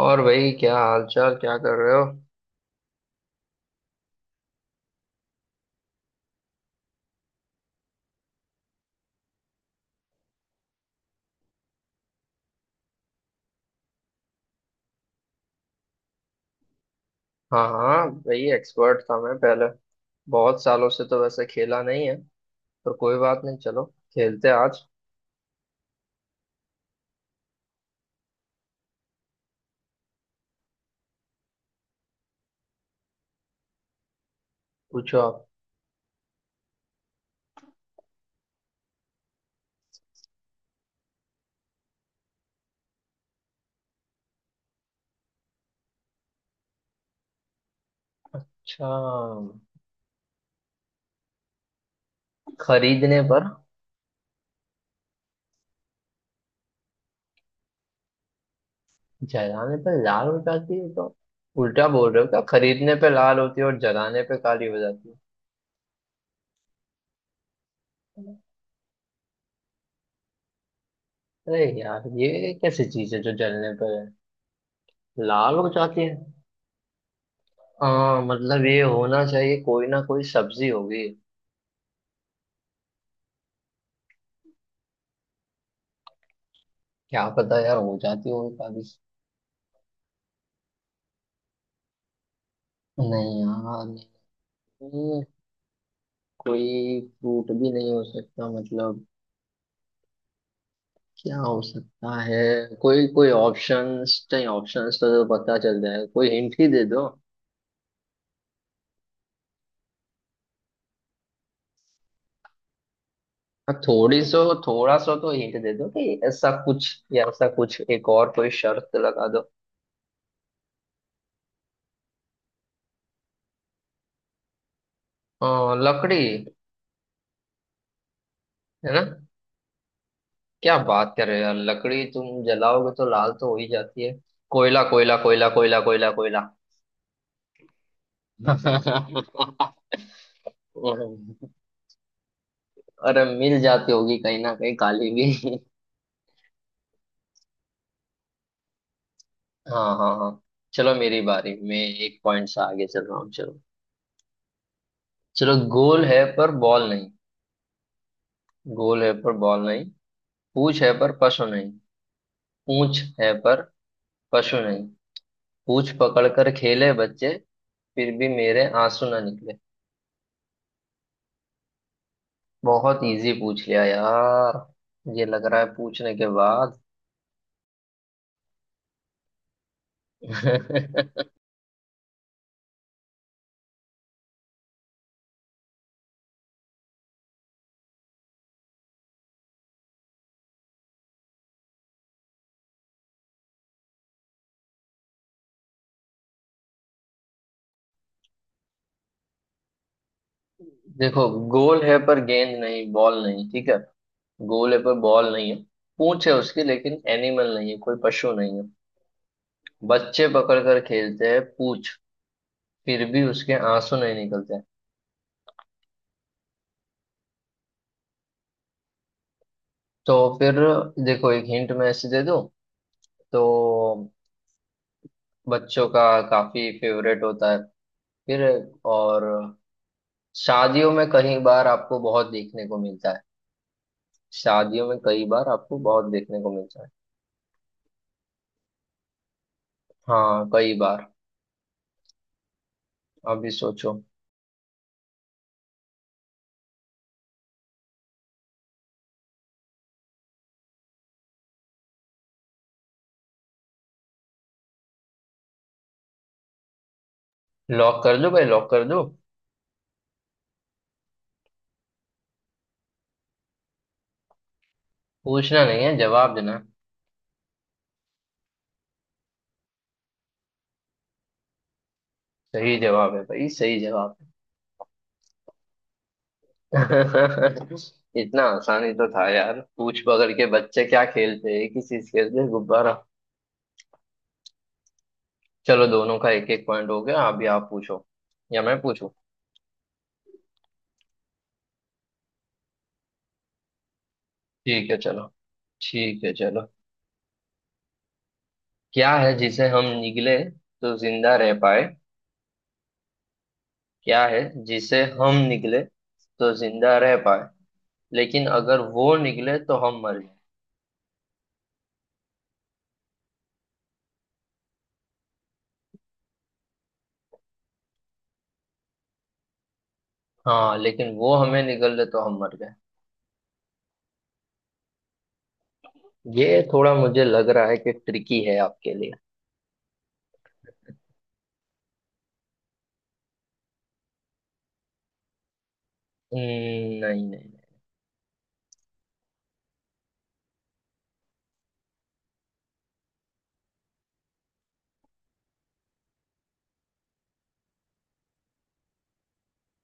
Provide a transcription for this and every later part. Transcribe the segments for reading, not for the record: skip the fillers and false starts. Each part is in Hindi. और भाई क्या हाल चाल, क्या कर रहे हो? हाँ हाँ भाई, एक्सपर्ट था मैं पहले। बहुत सालों से तो वैसे खेला नहीं है। पर कोई बात नहीं, चलो खेलते हैं आज। पूछो आप। अच्छा, खरीदने पर जलाने पर लाल हो जाती है तो उल्टा बोल रहे हो क्या? खरीदने पे लाल होती है और जलाने पे काली हो जाती है? अरे यार, ये कैसी चीज है जो जलने पर है लाल हो जाती है। हाँ मतलब ये होना चाहिए, कोई ना कोई सब्जी होगी। क्या पता यार, हो जाती होगी काली। नहीं यार, नहीं। कोई फ्रूट भी नहीं हो सकता मतलब। क्या हो सकता है? कोई कोई ऑप्शंस नहीं, ऑप्शंस तो पता चल जाए, कोई हिंट ही दे दो। हाँ, थोड़ी सो, थोड़ा सो तो हिंट दे दो कि ऐसा कुछ या ऐसा कुछ, एक और कोई शर्त लगा दो। लकड़ी। है ना? क्या बात कर रहे हो यार, लकड़ी तुम जलाओगे तो लाल तो हो ही जाती है। कोयला कोयला कोयला कोयला कोयला कोयला। अरे मिल जाती होगी कहीं ना कहीं काली भी। हाँ हाँ हाँ, चलो मेरी बारी। मैं एक पॉइंट से आगे चल रहा हूँ, चलो। चलो, गोल है पर बॉल नहीं। गोल है पर बॉल नहीं। पूंछ है पर पशु नहीं। पूंछ है पर पशु नहीं। पूंछ पकड़ कर खेले बच्चे, फिर भी मेरे आंसू ना निकले। बहुत इजी पूछ लिया यार, ये लग रहा है पूछने के बाद। देखो, गोल है पर गेंद नहीं, बॉल नहीं, ठीक है। गोल है पर बॉल नहीं है। पूंछ है उसकी लेकिन एनिमल नहीं है, कोई पशु नहीं है। बच्चे पकड़ कर खेलते हैं पूंछ, फिर भी उसके आंसू नहीं निकलते हैं। तो फिर देखो, एक हिंट मैं ऐसे दे दूं तो बच्चों का काफी फेवरेट होता है, फिर और शादियों में कई बार आपको बहुत देखने को मिलता है। शादियों में कई बार आपको बहुत देखने को मिलता है। हाँ कई बार। अभी सोचो। लॉक कर दो भाई, लॉक कर दो। पूछना नहीं है, जवाब देना। सही जवाब है भाई, सही जवाब है। इतना आसानी तो था यार, पूछ पकड़ के बच्चे क्या खेलते हैं, किस चीज खेलते हैं, गुब्बारा। चलो दोनों का एक एक पॉइंट हो गया, अभी आप पूछो या मैं पूछूं। ठीक है चलो। ठीक है चलो। क्या है जिसे हम निगले तो जिंदा रह पाए। क्या है जिसे हम निगले तो जिंदा रह पाए, लेकिन अगर वो निगले तो हम मर गए। हाँ लेकिन वो हमें निगल ले तो हम मर गए। ये थोड़ा मुझे लग रहा है कि ट्रिकी है आपके लिए। नहीं नहीं नहीं।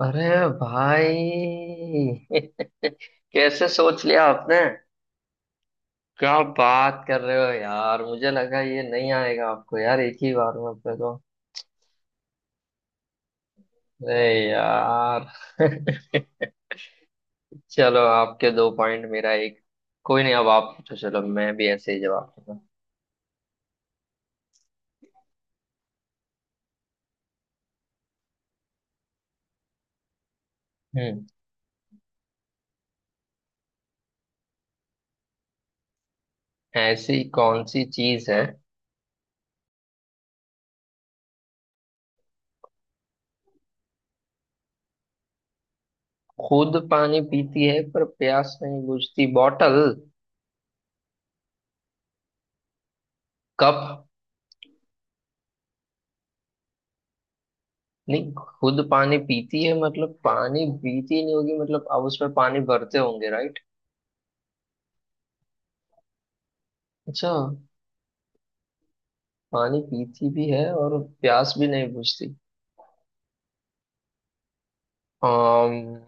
अरे भाई, कैसे सोच लिया आपने? क्या बात कर रहे हो यार, मुझे लगा ये नहीं आएगा आपको यार एक ही बार में अपने को। अरे यार। चलो आपके दो पॉइंट, मेरा एक। कोई नहीं, अब आप पूछो, चलो मैं भी ऐसे ही जवाब दूंगा। हम्म। ऐसी कौन सी चीज है, खुद पानी पीती है पर प्यास नहीं बुझती? बॉटल? कप? नहीं, खुद पानी पीती है मतलब पानी पीती नहीं होगी, मतलब आप उसमें पानी भरते होंगे, राइट? अच्छा, पानी पीती भी है और प्यास भी नहीं बुझती, कंफ्यूज।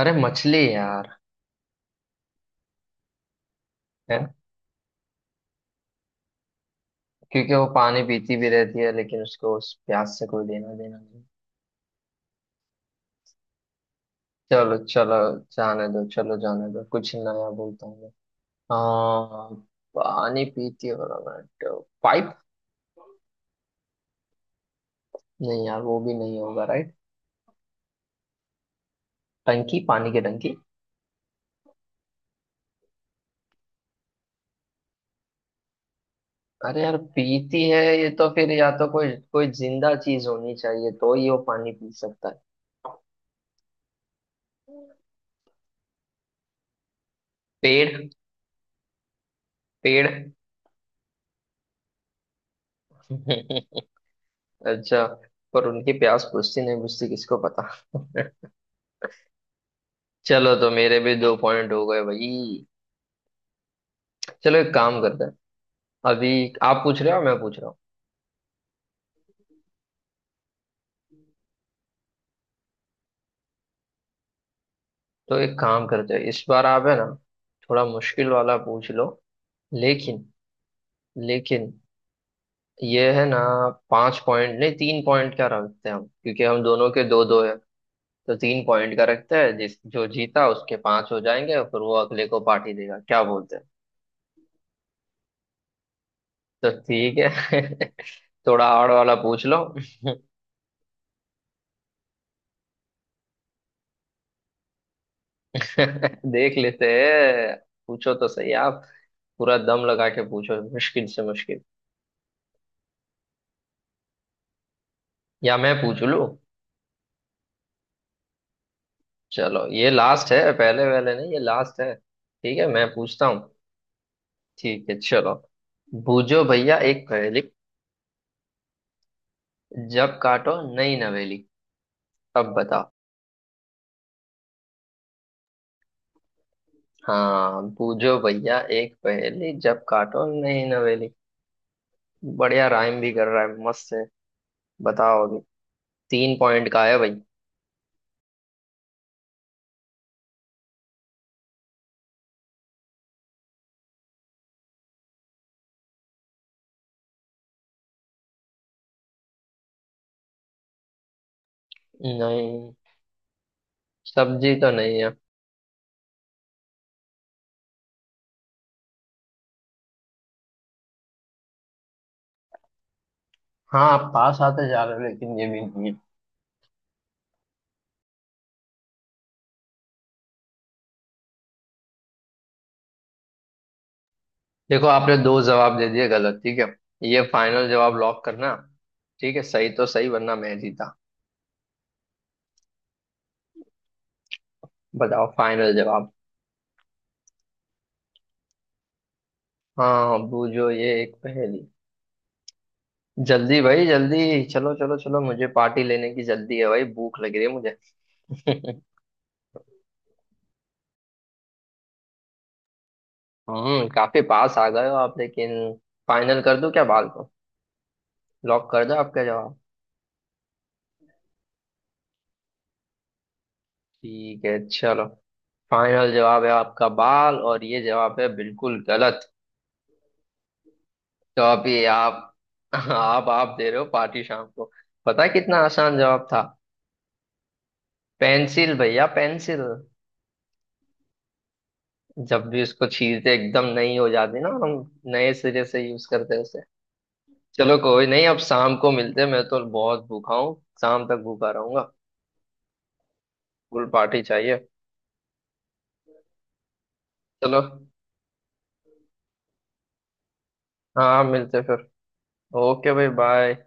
अरे मछली है यार, है। क्योंकि वो पानी पीती भी रहती है, लेकिन उसको उस प्यास से कोई देना देना नहीं। चलो चलो, जाने दो, चलो जाने दो, कुछ नया बोलता हूँ मैं। अम, पानी पीती हो रहा पाइप। नहीं यार, वो भी नहीं होगा, राइट। टंकी, पानी की टंकी। अरे यार पीती है, ये तो फिर या तो कोई कोई जिंदा चीज होनी चाहिए तो ही वो पानी पी सकता है। पेड़। पेड़। अच्छा, पर उनकी प्यास बुझती नहीं बुझती किसको पता। चलो तो मेरे भी दो पॉइंट हो गए भाई। चलो एक काम करते हैं। अभी आप पूछ रहे हो, मैं पूछ रहा हूँ। तो एक काम करते हैं, इस बार आप है ना थोड़ा मुश्किल वाला पूछ लो। लेकिन, लेकिन ये है ना, पांच पॉइंट नहीं, तीन पॉइंट क्या रखते हैं हम, क्योंकि हम दोनों के दो दो है। तो तीन पॉइंट का रखते हैं, जिस जो जीता उसके पांच हो जाएंगे और फिर वो अगले को पार्टी देगा, क्या बोलते हैं। तो ठीक है। थोड़ा हार्ड वाला पूछ लो। देख लेते हैं। पूछो तो सही आप, पूरा दम लगा के पूछो, मुश्किल से मुश्किल। या मैं पूछ लूं। चलो ये लास्ट है, पहले वाले नहीं, ये लास्ट है, ठीक है मैं पूछता हूँ। ठीक है चलो। बूझो भैया एक पहेली, जब काटो नई नवेली। अब बताओ। हाँ, पूछो भैया एक पहेली, जब काटो नहीं नवेली। बढ़िया, राइम भी कर रहा है, मस्त है। बताओ अभी। तीन पॉइंट का है भाई। नहीं, सब्जी तो नहीं है। हाँ आप पास आते जा रहे हो, लेकिन ये भी नहीं है। देखो आपने दो जवाब दे दिए गलत, ठीक है, ये फाइनल जवाब लॉक करना, ठीक है, सही तो सही, वरना मैं जीता। बताओ फाइनल जवाब। हाँ बूझो ये एक पहेली। जल्दी भाई जल्दी। चलो चलो चलो, मुझे पार्टी लेने की जल्दी है भाई, भूख लग रही है मुझे। हम्म, काफी पास आ गए हो आप, लेकिन फाइनल कर दूं क्या, बाल को? लॉक कर दो आपका जवाब। ठीक है चलो। फाइनल जवाब है आपका बाल, और ये जवाब है बिल्कुल गलत। तो अभी आप आप दे रहे हो पार्टी शाम को। पता है कितना आसान जवाब था? पेंसिल भैया, पेंसिल। जब भी उसको छीलते एकदम नई हो जाती, ना हम नए सिरे से यूज करते हैं उसे। चलो कोई नहीं, अब शाम को मिलते हैं, मैं तो बहुत भूखा हूँ, शाम तक भूखा रहूंगा। फुल पार्टी चाहिए। चलो। हाँ मिलते हैं फिर। ओके भाई, बाय।